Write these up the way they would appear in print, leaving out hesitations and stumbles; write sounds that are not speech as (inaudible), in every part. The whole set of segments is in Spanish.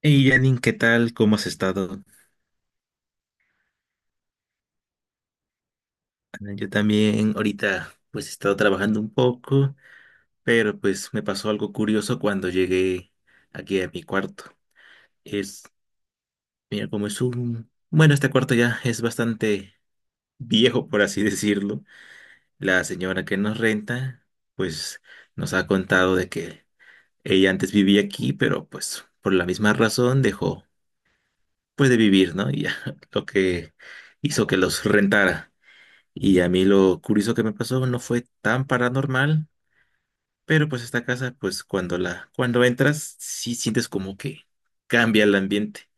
Hey Janin, ¿qué tal? ¿Cómo has estado? Ah, yo también ahorita pues he estado trabajando un poco, pero pues me pasó algo curioso cuando llegué aquí a mi cuarto. Es, mira, bueno, este cuarto ya es bastante viejo, por así (laughs) decirlo. La señora que nos renta pues nos ha contado de que ella antes vivía aquí, pero pues por la misma razón dejó pues de vivir, ¿no? Y ya (laughs) lo que hizo que los rentara. Y a mí lo curioso que me pasó no fue tan paranormal, pero pues esta casa, pues cuando entras, sí sientes como que cambia el ambiente.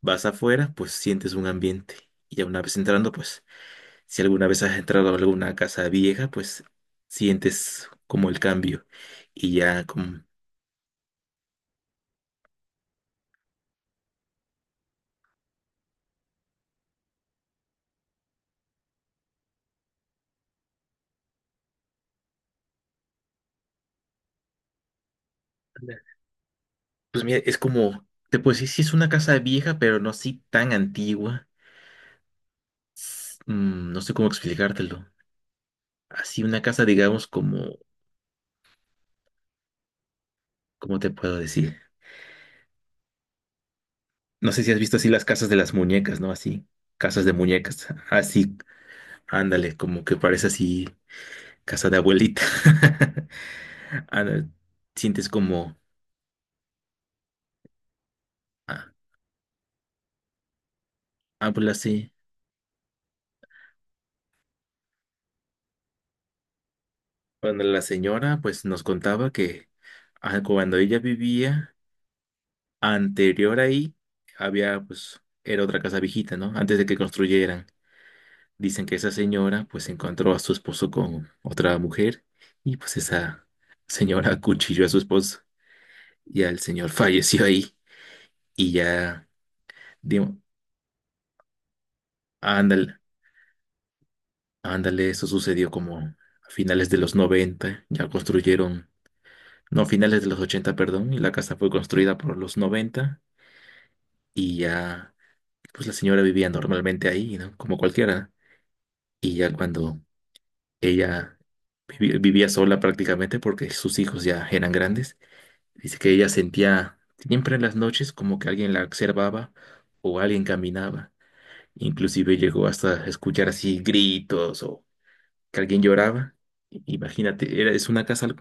Vas afuera, pues sientes un ambiente. Y ya una vez entrando, pues si alguna vez has entrado a alguna casa vieja, pues sientes como el cambio. Y ya como, pues mira, es como, te puedo decir, sí es una casa vieja, pero no así tan antigua. No sé cómo explicártelo. Así una casa, digamos, ¿cómo te puedo decir? No sé si has visto así las casas de las muñecas, ¿no? Así, casas de muñecas. Así, ándale, como que parece así casa de abuelita. (laughs) Ándale, sientes como, ah, habla así. Bueno, la señora pues nos contaba que cuando ella vivía anterior ahí, había pues, era otra casa viejita, ¿no? Antes de que construyeran. Dicen que esa señora pues encontró a su esposo con otra mujer y pues esa señora (laughs) acuchilló a su esposo. Ya el señor falleció ahí y ya, digo, ándale, ándale, eso sucedió como a finales de los 90 ya construyeron, no, finales de los 80 perdón, y la casa fue construida por los 90 y ya, pues la señora vivía normalmente ahí, ¿no? Como cualquiera. Y ya cuando ella vivía sola prácticamente porque sus hijos ya eran grandes, dice que ella sentía siempre en las noches como que alguien la observaba o alguien caminaba. Inclusive llegó hasta a escuchar así gritos o que alguien lloraba. Imagínate, era, es una casa,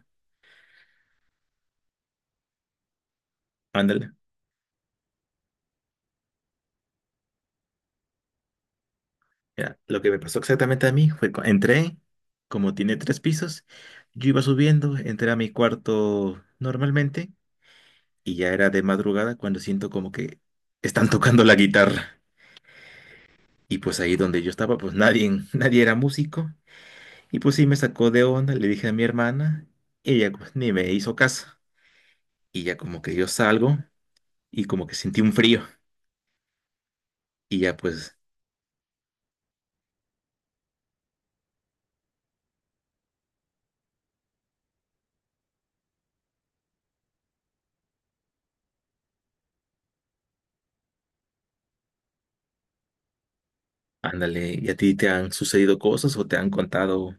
ándale. Mira, lo que me pasó exactamente a mí fue, entré, como tiene tres pisos, yo iba subiendo, entré a mi cuarto normalmente y ya era de madrugada cuando siento como que están tocando la guitarra. Y pues ahí donde yo estaba, pues nadie, (laughs) nadie era músico. Y pues sí me sacó de onda, le dije a mi hermana, y ella pues, ni me hizo caso. Y ya como que yo salgo. Y como que sentí un frío y ya pues, ándale, ¿y a ti te han sucedido cosas o te han contado?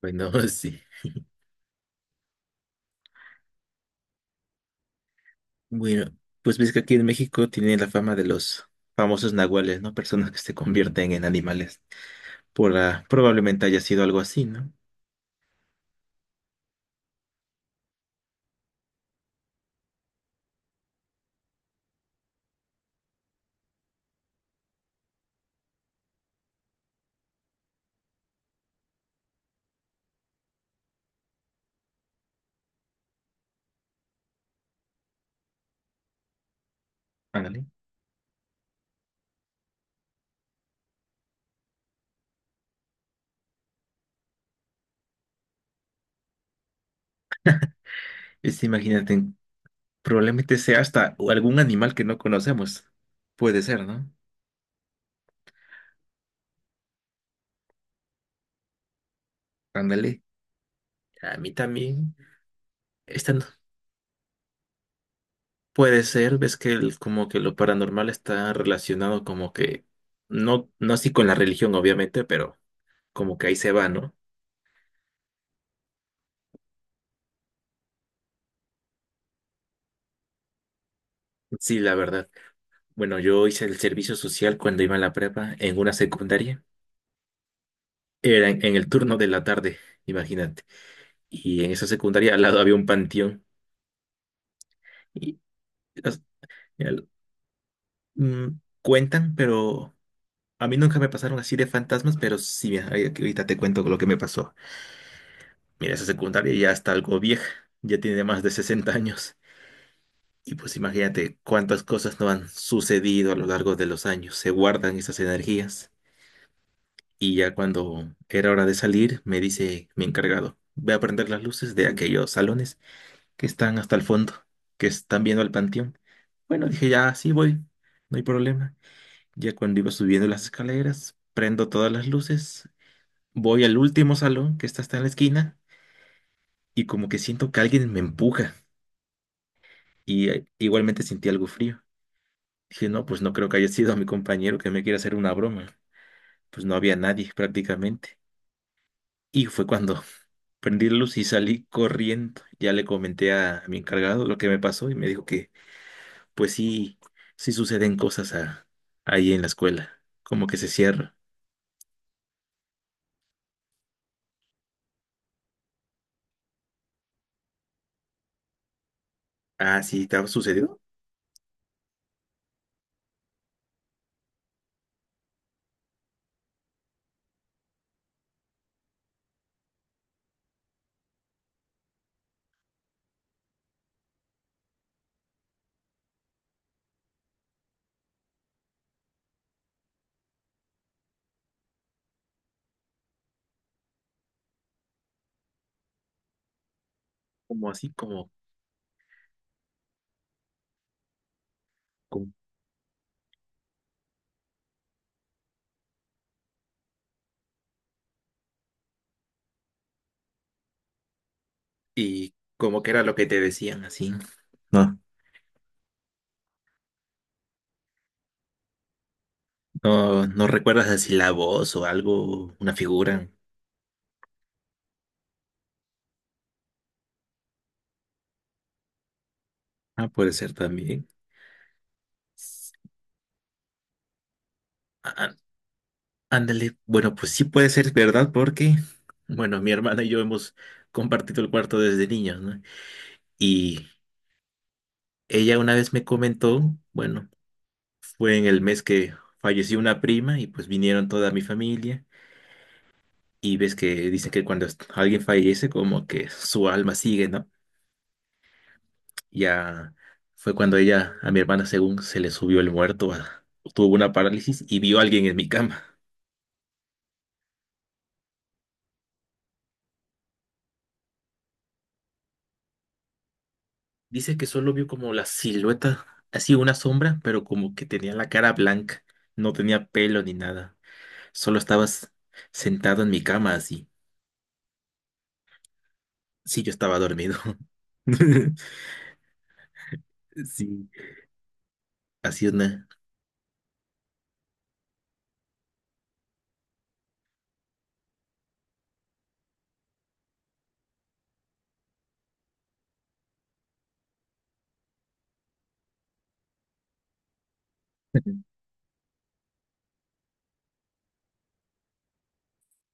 Bueno, (laughs) sí. Bueno, pues ves que aquí en México tiene la fama de los famosos nahuales, ¿no? Personas que se convierten en animales. Probablemente haya sido algo así, ¿no? Ándale. Imagínate, probablemente sea hasta algún animal que no conocemos. Puede ser, ¿no? Ándale. A mí también. No, puede ser, ves que como que lo paranormal está relacionado como que, no, no así con la religión, obviamente, pero como que ahí se va, ¿no? Sí, la verdad. Bueno, yo hice el servicio social cuando iba a la prepa en una secundaria. Era en el turno de la tarde, imagínate. Y en esa secundaria al lado había un panteón. Y as- al- mm, cuentan, pero a mí nunca me pasaron así de fantasmas, pero sí, mira, ahorita te cuento lo que me pasó. Mira, esa secundaria ya está algo vieja, ya tiene más de 60 años. Y pues imagínate cuántas cosas no han sucedido a lo largo de los años. Se guardan esas energías. Y ya cuando era hora de salir, me dice mi encargado, ve a prender las luces de aquellos salones que están hasta el fondo, que están viendo al panteón. Bueno, dije, ya, sí voy, no hay problema. Ya cuando iba subiendo las escaleras, prendo todas las luces, voy al último salón que está hasta en la esquina y como que siento que alguien me empuja. Y igualmente sentí algo frío. Dije, no, pues no creo que haya sido mi compañero que me quiera hacer una broma. Pues no había nadie prácticamente. Y fue cuando (laughs) prendí la luz y salí corriendo. Ya le comenté a mi encargado lo que me pasó y me dijo que, pues sí, sí suceden cosas ahí en la escuela. Como que se cierra. Ah, sí, ¿te ha sucedido? Como así, como, como- Y como que era lo que te decían, así. No, no, no recuerdas así la voz o algo, una figura. Ah, puede ser también. Ándale, bueno, pues sí puede ser verdad porque, bueno, mi hermana y yo hemos compartido el cuarto desde niños, ¿no? Y ella una vez me comentó, bueno, fue en el mes que falleció una prima y pues vinieron toda mi familia y ves que dicen que cuando alguien fallece como que su alma sigue, ¿no? Ya fue cuando ella, a mi hermana según se le subió el muerto, tuvo una parálisis y vio a alguien en mi cama. Dice que solo vio como la silueta, así una sombra, pero como que tenía la cara blanca, no tenía pelo ni nada. Solo estabas sentado en mi cama así. Sí, yo estaba dormido. (laughs) Sí, así una.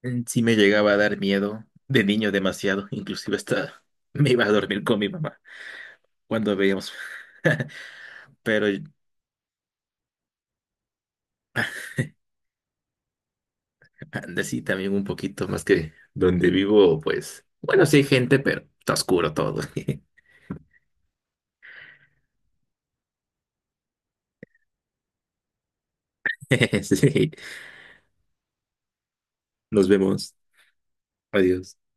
(laughs) Sí me llegaba a dar miedo de niño demasiado, inclusive hasta me iba a dormir con mi mamá cuando veíamos. (laughs) Pero anda, sí, también un poquito más que donde vivo, pues, bueno, sí hay gente, pero está oscuro todo. (laughs) (laughs) Sí. Nos vemos. Adiós.